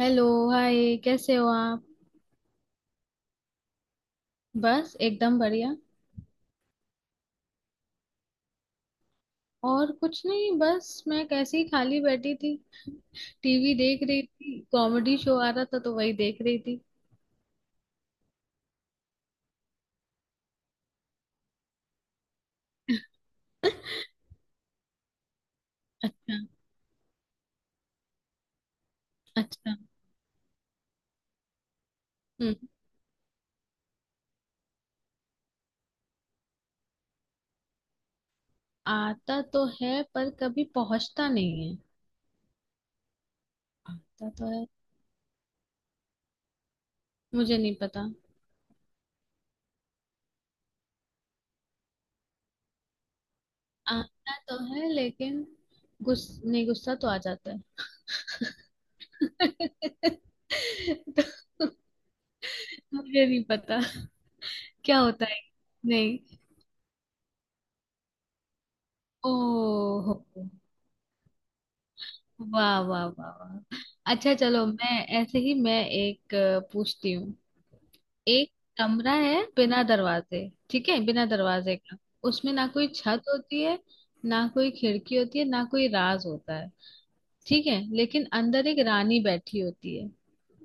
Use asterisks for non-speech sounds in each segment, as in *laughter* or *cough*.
Hello. Hi, कैसे हो आप? बस एकदम बढ़िया। और कुछ नहीं, बस मैं कैसे ही खाली बैठी थी। टीवी देख रही थी, कॉमेडी शो आ रहा था तो वही देख रही थी। *laughs* अच्छा। अच्छा। हम्म। आता तो है पर कभी पहुंचता नहीं है। आता तो है। मुझे नहीं पता। आता तो है लेकिन गुस नहीं, गुस्सा तो आ जाता है। *laughs* तो? मुझे नहीं पता क्या होता है। नहीं। ओ। वाह वाह वाह वाह, अच्छा चलो मैं ऐसे ही, मैं एक पूछती हूँ। एक कमरा है बिना दरवाजे। ठीक है, बिना दरवाजे का। उसमें ना कोई छत होती है, ना कोई खिड़की होती है, ना कोई राज होता है। ठीक है, लेकिन अंदर एक रानी बैठी होती है।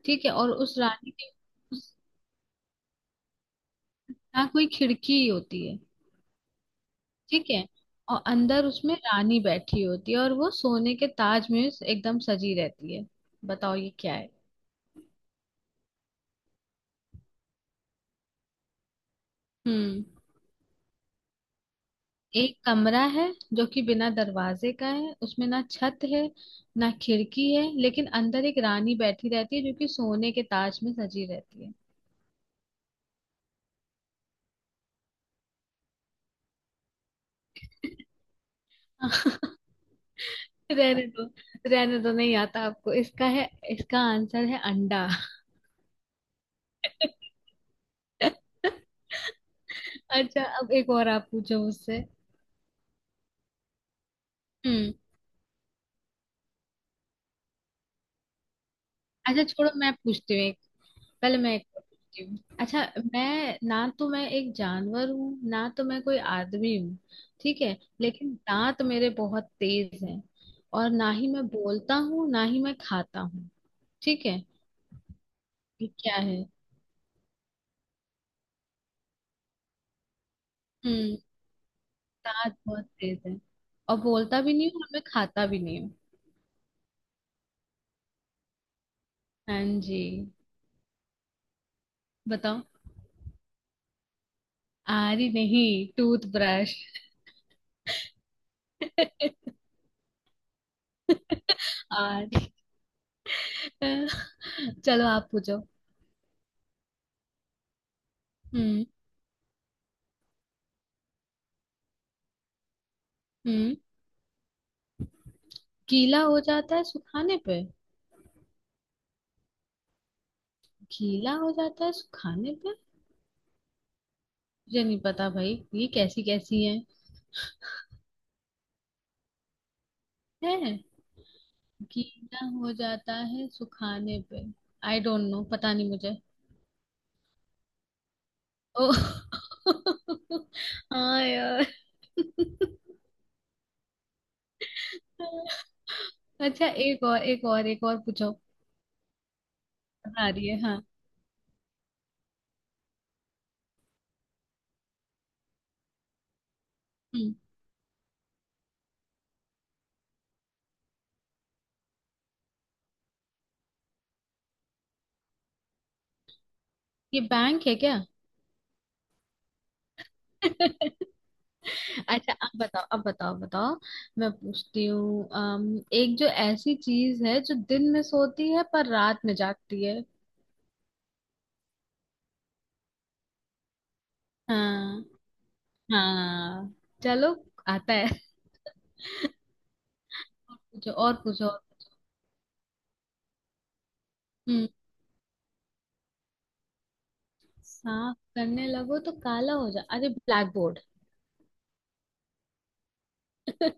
ठीक है, और उस रानी के उस, ना कोई खिड़की होती है। ठीक है, और अंदर उसमें रानी बैठी होती है और वो सोने के ताज में एकदम सजी रहती है। बताओ ये क्या है? हम्म। एक कमरा है जो कि बिना दरवाजे का है, उसमें ना छत है, ना खिड़की है, लेकिन अंदर एक रानी बैठी रहती है जो कि सोने के ताज में सजी रहती है। *laughs* रहने दो, रहने दो, नहीं आता आपको इसका है। इसका आंसर है अंडा। *laughs* अच्छा, अब एक और आप पूछो मुझसे। हम्म। अच्छा, छोड़ो, मैं पूछती हूँ। पहले मैं एक और पूछती हूँ, अच्छा। मैं ना तो मैं एक जानवर हूँ, ना तो मैं कोई आदमी हूँ। ठीक है, लेकिन दांत मेरे बहुत तेज हैं। और ना ही मैं बोलता हूँ, ना ही मैं खाता हूँ। ठीक है। ये क्या है? हम्म। दांत बहुत तेज है और बोलता भी नहीं हूँ और मैं खाता भी नहीं हूँ। हाँ जी। बताओ। आरी नहीं, टूथब्रश। *laughs* आरी। चलो आप पूछो। हम्म। हम्म। गीला हो जाता है सुखाने पे। गीला हो जाता है सुखाने पे। मुझे नहीं पता भाई, ये कैसी कैसी है। है। गीला हो जाता है सुखाने पे। आई डोंट नो, पता नहीं मुझे। ओ। *laughs* हाँ यार। अच्छा, एक और एक और एक और पूछो। आ रही है, हाँ। हम्म। ये बैंक है क्या? *laughs* अच्छा, अब बताओ, अब बताओ, बताओ। मैं पूछती हूँ एक जो ऐसी चीज है जो दिन में सोती है पर रात में जागती है। हाँ। हाँ। चलो। आता है, और पूछो और पूछो और पूछो। हम्म। साफ करने लगो तो काला हो जा, अरे ब्लैक बोर्ड। *laughs*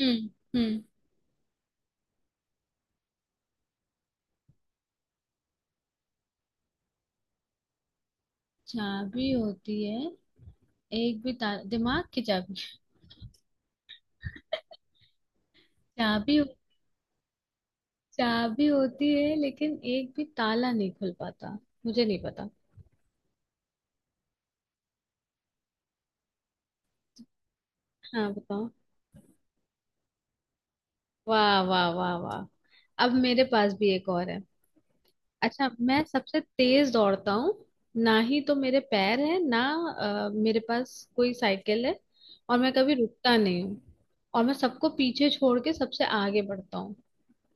हम्म। हम्म। चाबी होती है, एक भी ताला, दिमाग की चाबी। चाबी। चाबी होती है लेकिन एक भी ताला नहीं खुल पाता। मुझे नहीं पता। हाँ, बताओ। वाह वाह वाह वाह। अब मेरे पास भी एक और है। अच्छा, मैं सबसे तेज दौड़ता हूँ। ना ही तो मेरे पैर है, ना मेरे पास कोई साइकिल है। और मैं कभी रुकता नहीं हूँ। और मैं सबको पीछे छोड़ के सबसे आगे बढ़ता हूँ।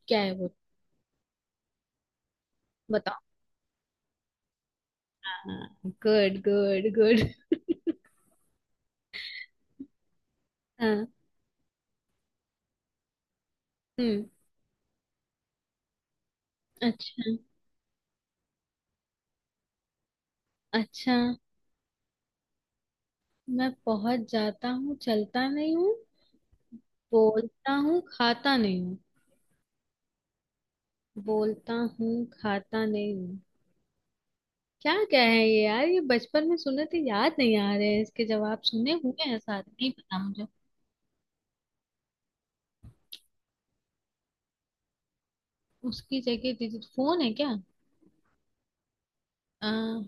क्या है वो? बताओ। Good good good. *laughs* हाँ। हम्म। अच्छा। अच्छा। मैं पहुंच जाता हूँ, चलता नहीं हूँ। बोलता हूँ, खाता नहीं हूँ। बोलता हूँ, खाता नहीं हूँ। क्या क्या है ये यार, ये बचपन में सुने थे, याद नहीं आ रहे हैं, इसके जवाब सुने हुए हैं सारे, नहीं पता मुझे। उसकी जगह डिजिट, फोन है क्या? आ,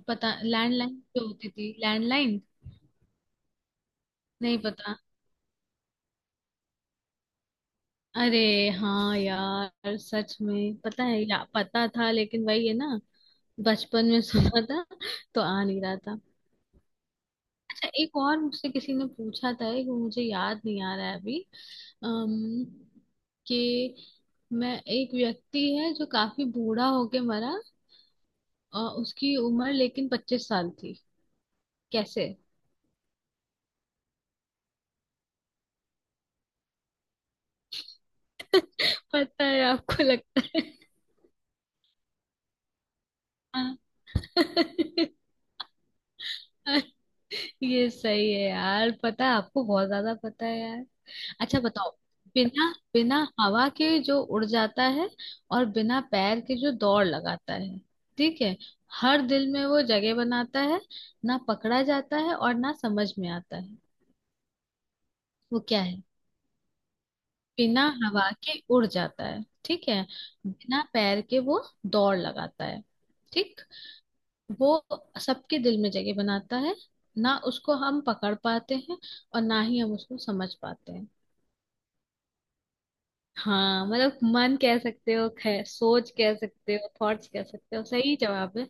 पता, लैंडलाइन जो होती थी, लैंडलाइन। नहीं पता। अरे हाँ यार, सच में पता है या पता था, लेकिन वही है ना, बचपन में सुना था तो आ नहीं रहा था। अच्छा, एक और मुझसे किसी ने पूछा था, एक वो मुझे याद नहीं आ रहा है अभी। अम्म कि मैं एक व्यक्ति है जो काफी बूढ़ा होके मरा, उसकी उम्र लेकिन 25 साल थी। कैसे? पता है आपको, लगता है? हाँ। *laughs* ये सही है यार, पता है आपको, बहुत ज्यादा पता है यार। अच्छा, बताओ। बिना बिना हवा के जो उड़ जाता है, और बिना पैर के जो दौड़ लगाता है। ठीक है। हर दिल में वो जगह बनाता है, ना पकड़ा जाता है और ना समझ में आता है। वो क्या है? बिना हवा के उड़ जाता है, ठीक है। बिना पैर के वो दौड़ लगाता है। ठीक। वो सबके दिल में जगह बनाता है, ना उसको हम पकड़ पाते हैं और ना ही हम उसको समझ पाते हैं। हाँ, मतलब मन कह सकते हो, सोच कह सकते हो, थॉट्स कह सकते हो, सही जवाब है।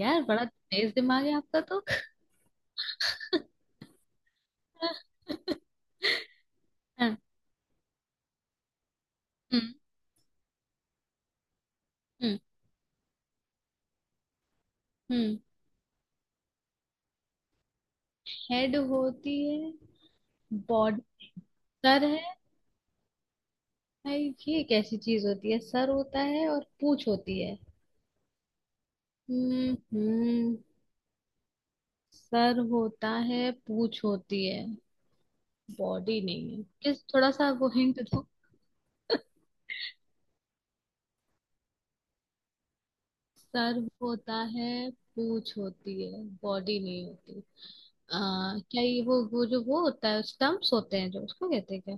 यार बड़ा तेज दिमाग है आपका तो। *laughs* हाँ। हम्म। हम्म। हम्म। हेड होती है, बॉडी, सर है भाई, ये कैसी चीज होती है, सर होता है और पूंछ होती है। हम्म। हम्म। सर होता है, पूंछ होती है, बॉडी नहीं है, प्लीज थोड़ा सा वो हिंट दो। सर होता है, पूछ होती है, बॉडी नहीं होती। आ, क्या ये वो जो वो होता है, स्टम्प्स होते हैं जो उसको कहते हैं क्या?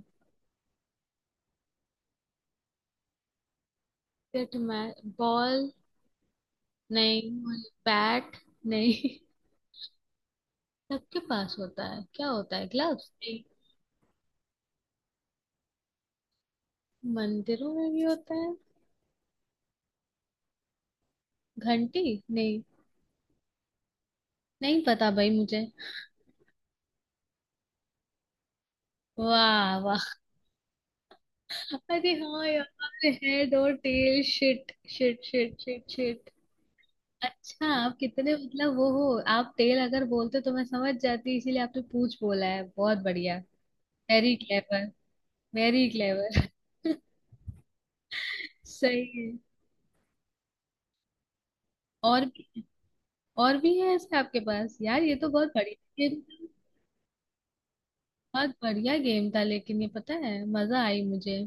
पिट में बॉल? नहीं। बैट? नहीं। *laughs* सबके पास होता है, क्या होता है, ग्लव्स? नहीं। मंदिरों में भी होता है? घंटी? नहीं। नहीं पता भाई मुझे। वाह वाह। अरे हाँ यार, हेड और tail, shit shit shit shit shit. अच्छा आप कितने, मतलब वो हो। आप तेल अगर बोलते तो मैं समझ जाती, इसीलिए आपने पूछ बोला है, बहुत बढ़िया। Very clever. Very clever. *laughs* सही है। और भी। और भी है ऐसे आपके पास यार, ये तो बहुत बढ़िया गेम था। बहुत बढ़िया गेम था, लेकिन ये पता है, मजा आई मुझे।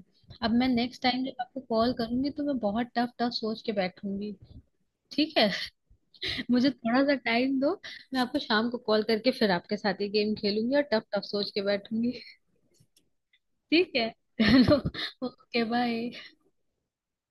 अब मैं नेक्स्ट टाइम जब आपको कॉल करूंगी, तो मैं बहुत टफ टफ सोच के बैठूंगी। ठीक है। *laughs* मुझे थोड़ा सा टाइम दो, मैं आपको शाम को कॉल करके फिर आपके साथ ये गेम खेलूंगी और टफ टफ सोच के बैठूंगी। ठीक है। *laughs* चलो। Okay bye.